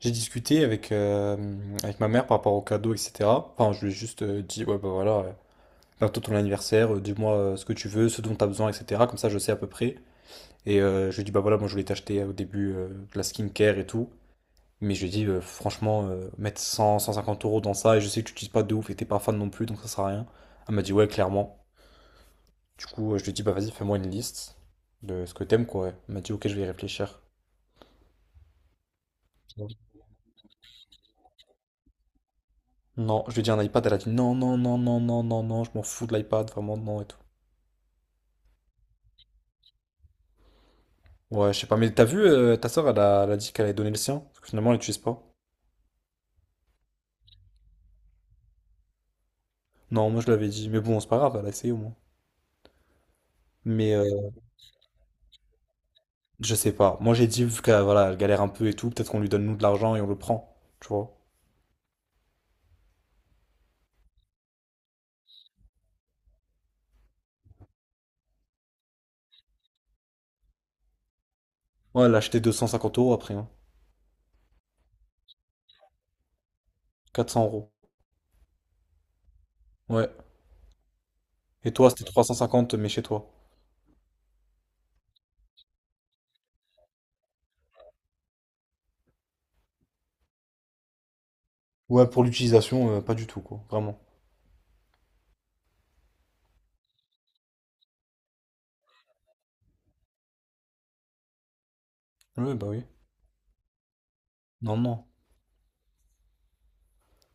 J'ai discuté avec ma mère par rapport au cadeau, etc. Enfin, je lui ai juste dit, ouais, bah voilà, bientôt ton anniversaire, dis-moi ce que tu veux, ce dont tu as besoin, etc. Comme ça, je sais à peu près. Et je lui ai dit, bah voilà, moi je voulais t'acheter au début de la skincare et tout. Mais je lui ai dit, franchement, mettre cent cinquante euros dans ça, et je sais que tu n'utilises pas de ouf et t'es pas fan non plus, donc ça sert à rien. Elle m'a dit, ouais, clairement. Du coup, je lui ai dit, bah vas-y, fais-moi une liste de ce que t'aimes, quoi. Elle m'a dit, ok, je vais y réfléchir. Non, je lui ai dit un iPad, elle a dit non, non, non, non, non, non, non, je m'en fous de l'iPad, vraiment, non et tout. Ouais, je sais pas, mais t'as vu, ta soeur, elle a dit qu'elle allait donner le sien, parce que finalement, elle l'utilise pas. Non, moi je l'avais dit, mais bon, c'est pas grave, elle a essayé au moins. Mais je sais pas, moi j'ai dit, vu qu'elle voilà, elle galère un peu et tout, peut-être qu'on lui donne nous de l'argent et on le prend, tu vois. Ouais, elle a acheté 250 euros après, hein. 400 euros. Ouais. Et toi, c'était 350, mais chez toi. Ouais, pour l'utilisation, pas du tout, quoi, vraiment. Ouais, bah oui. Non, non.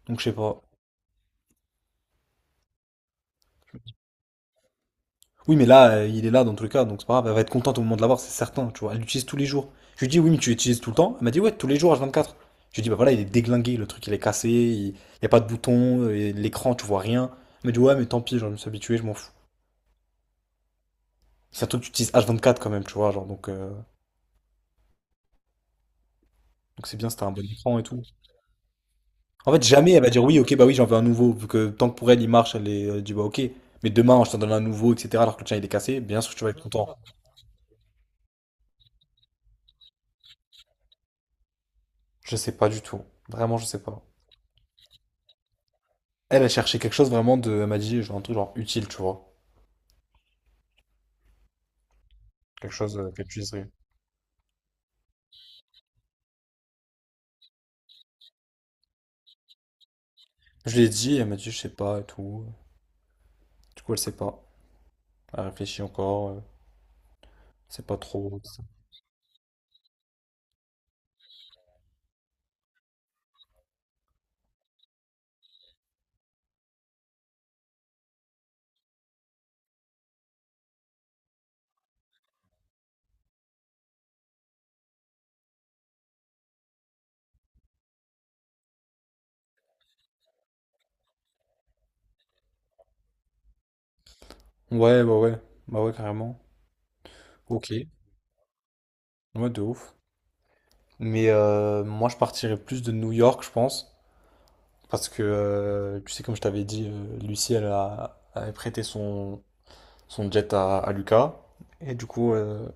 Donc je sais pas. Oui, mais là, il est là dans tous les cas, donc c'est pas grave, elle va être contente au moment de l'avoir, c'est certain, tu vois. Elle l'utilise tous les jours. Je lui dis, oui, mais tu l'utilises tout le temps. Elle m'a dit, ouais, tous les jours, H24. Je lui dis, bah voilà, il est déglingué, le truc, il est cassé, il n'y a pas de bouton, et l'écran, tu vois rien. Elle m'a dit, ouais, mais tant pis, genre, je me suis habitué, je m'en fous. C'est un truc que tu utilises H24 quand même, tu vois, genre, donc c'est bien, c'était un bon écran et tout. En fait, jamais elle va dire, oui, ok, bah oui, j'en veux un nouveau, vu que tant que pour elle, il marche, elle dit, bah ok, mais demain, je t'en donne un nouveau, etc., alors que le tien, il est cassé, bien sûr que tu vas être content. Je sais pas du tout. Vraiment, je sais pas. Elle a cherché quelque chose vraiment de. Elle m'a dit, genre, un truc genre utile, tu vois. Quelque chose qu'elle puisse. Je lui ai dit, elle m'a dit, je sais pas et tout. Du coup, elle sait pas. Elle réfléchit encore. C'est pas trop. Ouais, bah ouais. Bah ouais, carrément. Ok. Ouais, de ouf. Mais moi, je partirais plus de New York, je pense. Parce que, tu sais, comme je t'avais dit, Lucie, avait prêté son jet à Lucas. Et du coup,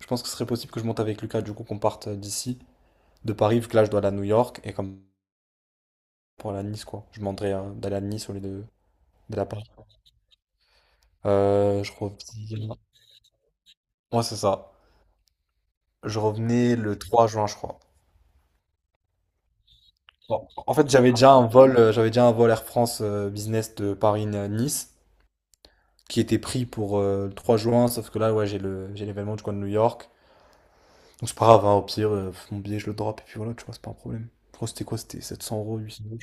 je pense que ce serait possible que je monte avec Lucas, du coup, qu'on parte d'ici, de Paris, vu que là, je dois aller à New York. Et comme pour aller à Nice, quoi. Je demanderais d'aller à Nice au lieu de d'aller à Paris. Je reviens. Ouais, c'est ça. Je revenais le 3 juin, je crois. Bon, en fait, j'avais déjà un vol Air France Business de Paris à Nice qui était pris pour le 3 juin, sauf que là, ouais, j'ai l'événement du coin de New York. Donc c'est pas grave, hein, au pire, mon billet, je le drop et puis voilà, tu vois, c'est pas un problème. Je crois que c'était quoi? C'était 700 euros, 800 euros.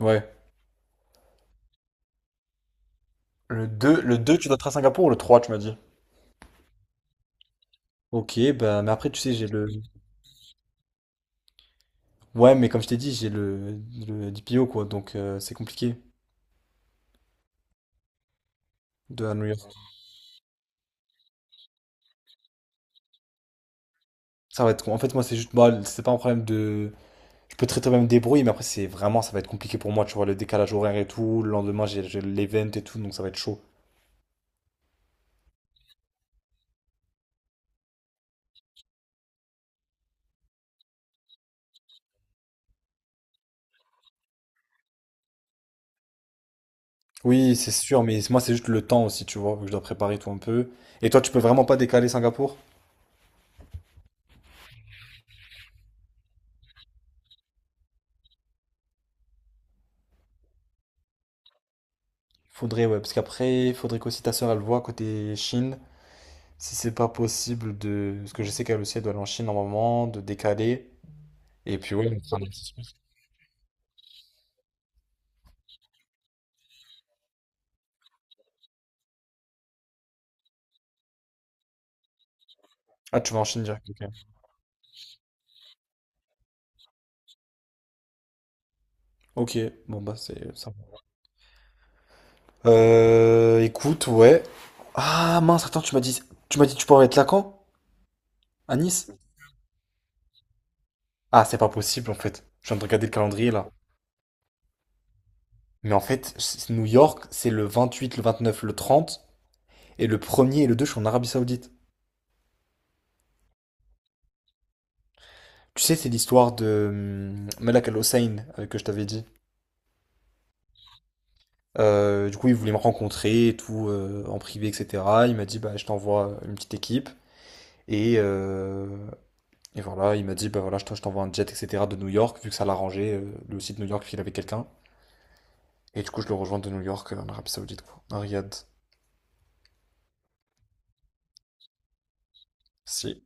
Ouais. Le deux tu dois être à Singapour ou le 3 tu m'as dit? Ok, bah, mais après, tu sais, j'ai le. Ouais, mais comme je t'ai dit, j'ai le DPO, quoi, donc c'est compliqué de à New York. Ça va être, en fait, moi, c'est juste, bah, c'est pas un problème de. Je peux très très bien me débrouiller, mais après, c'est vraiment, ça va être compliqué pour moi, tu vois, le décalage horaire et tout. Le lendemain, j'ai l'event et tout, donc ça va être chaud. Oui, c'est sûr, mais moi, c'est juste le temps aussi, tu vois, vu que je dois préparer tout un peu. Et toi, tu peux vraiment pas décaler Singapour? Faudrait, ouais, parce qu'après, faudrait qu'aussi ta sœur elle voit côté Chine, si c'est pas possible de. Parce que je sais qu'elle aussi, elle doit aller en Chine normalement, de décaler. Et puis, ouais, on fera un petit. Ah, tu vas enchaîner direct, ok. Ok, bon bah c'est ça. Va. Écoute, ouais. Ah mince, attends, tu m'as dit tu pourrais être là quand? À Nice? Ah, c'est pas possible en fait. Je viens de regarder le calendrier là. Mais en fait, New York, c'est le 28, le 29, le 30, et le premier, et le 2 je suis en Arabie Saoudite. Tu sais, c'est l'histoire de Malak Al-Hussein que je t'avais dit. Du coup, il voulait me rencontrer et tout, en privé, etc. Il m'a dit, bah, je t'envoie une petite équipe. Et, euh, Et voilà, il m'a dit, bah voilà, je t'envoie un jet, etc. de New York, vu que ça l'arrangeait, lui aussi de New York, qu'il avait quelqu'un. Et du coup, je le rejoins de New York, en Arabie Saoudite, quoi. À Riyad. Si.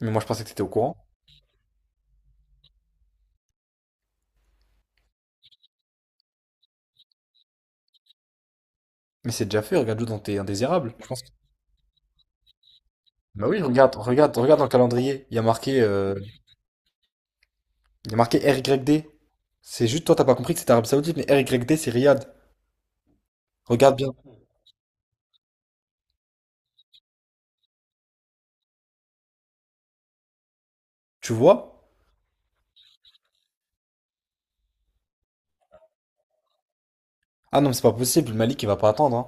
Mais moi, je pensais que t'étais au courant. Mais c'est déjà fait, regarde-le dans tes indésirables. Je pense. Bah oui, regarde, regarde, regarde dans le calendrier. Il y a marqué, il y a marqué RYD. C'est juste, toi, t'as pas compris que c'était Arabie Saoudite, mais RYD, c'est Riyad. Regarde bien. Tu vois? Ah non, mais c'est pas possible, Malik, il va pas attendre, hein.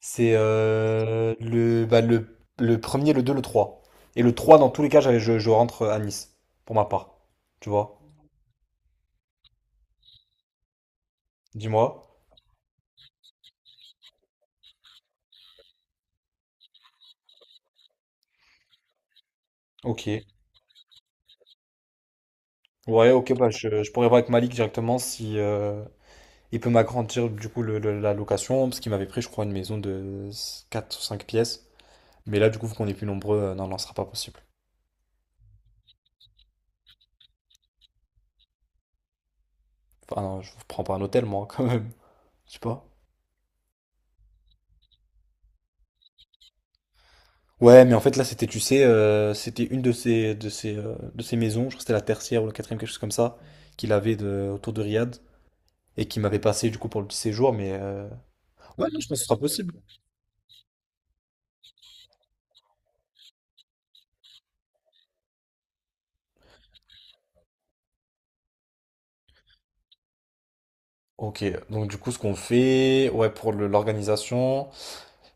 C'est le premier, le deux, le trois. Et le 3 dans tous les cas, je rentre à Nice, pour ma part. Tu vois? Dis-moi. Ok. Ouais, ok, bah, je pourrais voir avec Malik directement si il peut m'agrandir du coup la location, parce qu'il m'avait pris, je crois, une maison de 4 ou 5 pièces. Mais là, du coup, vu qu'on est plus nombreux, non, non, ce sera pas possible. Enfin, non, je vous prends pas un hôtel, moi, quand même. Je sais pas. Ouais, mais en fait là c'était, tu sais, c'était une de ces maisons, je crois que c'était la tertiaire ou la quatrième, quelque chose comme ça, qu'il avait autour de Riyad et qui m'avait passé du coup pour le petit séjour, mais ouais, non, je pense que ce sera possible. Ok, donc du coup ce qu'on fait, ouais, pour l'organisation,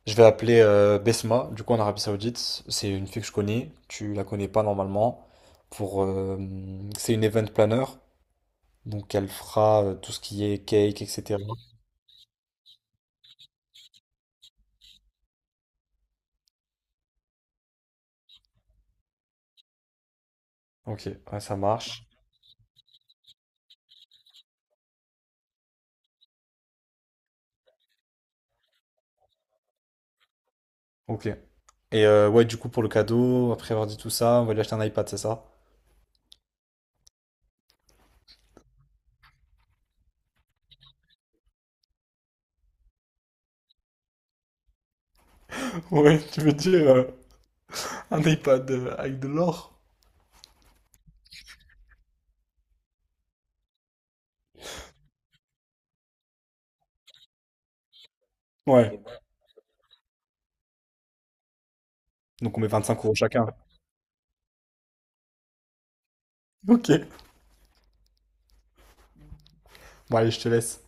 je vais appeler Besma, du coup en Arabie Saoudite, c'est une fille que je connais, tu la connais pas normalement, pour c'est une event planner, donc elle fera tout ce qui est cake, etc. Ok, ouais, ça marche. Ok. Et ouais, du coup, pour le cadeau, après avoir dit tout ça, on va lui acheter un iPad, c'est ça? Ouais, tu veux dire un iPad avec de l'or? Ouais. Donc on met 25 euros chacun. Ok. Bon, allez, je te laisse.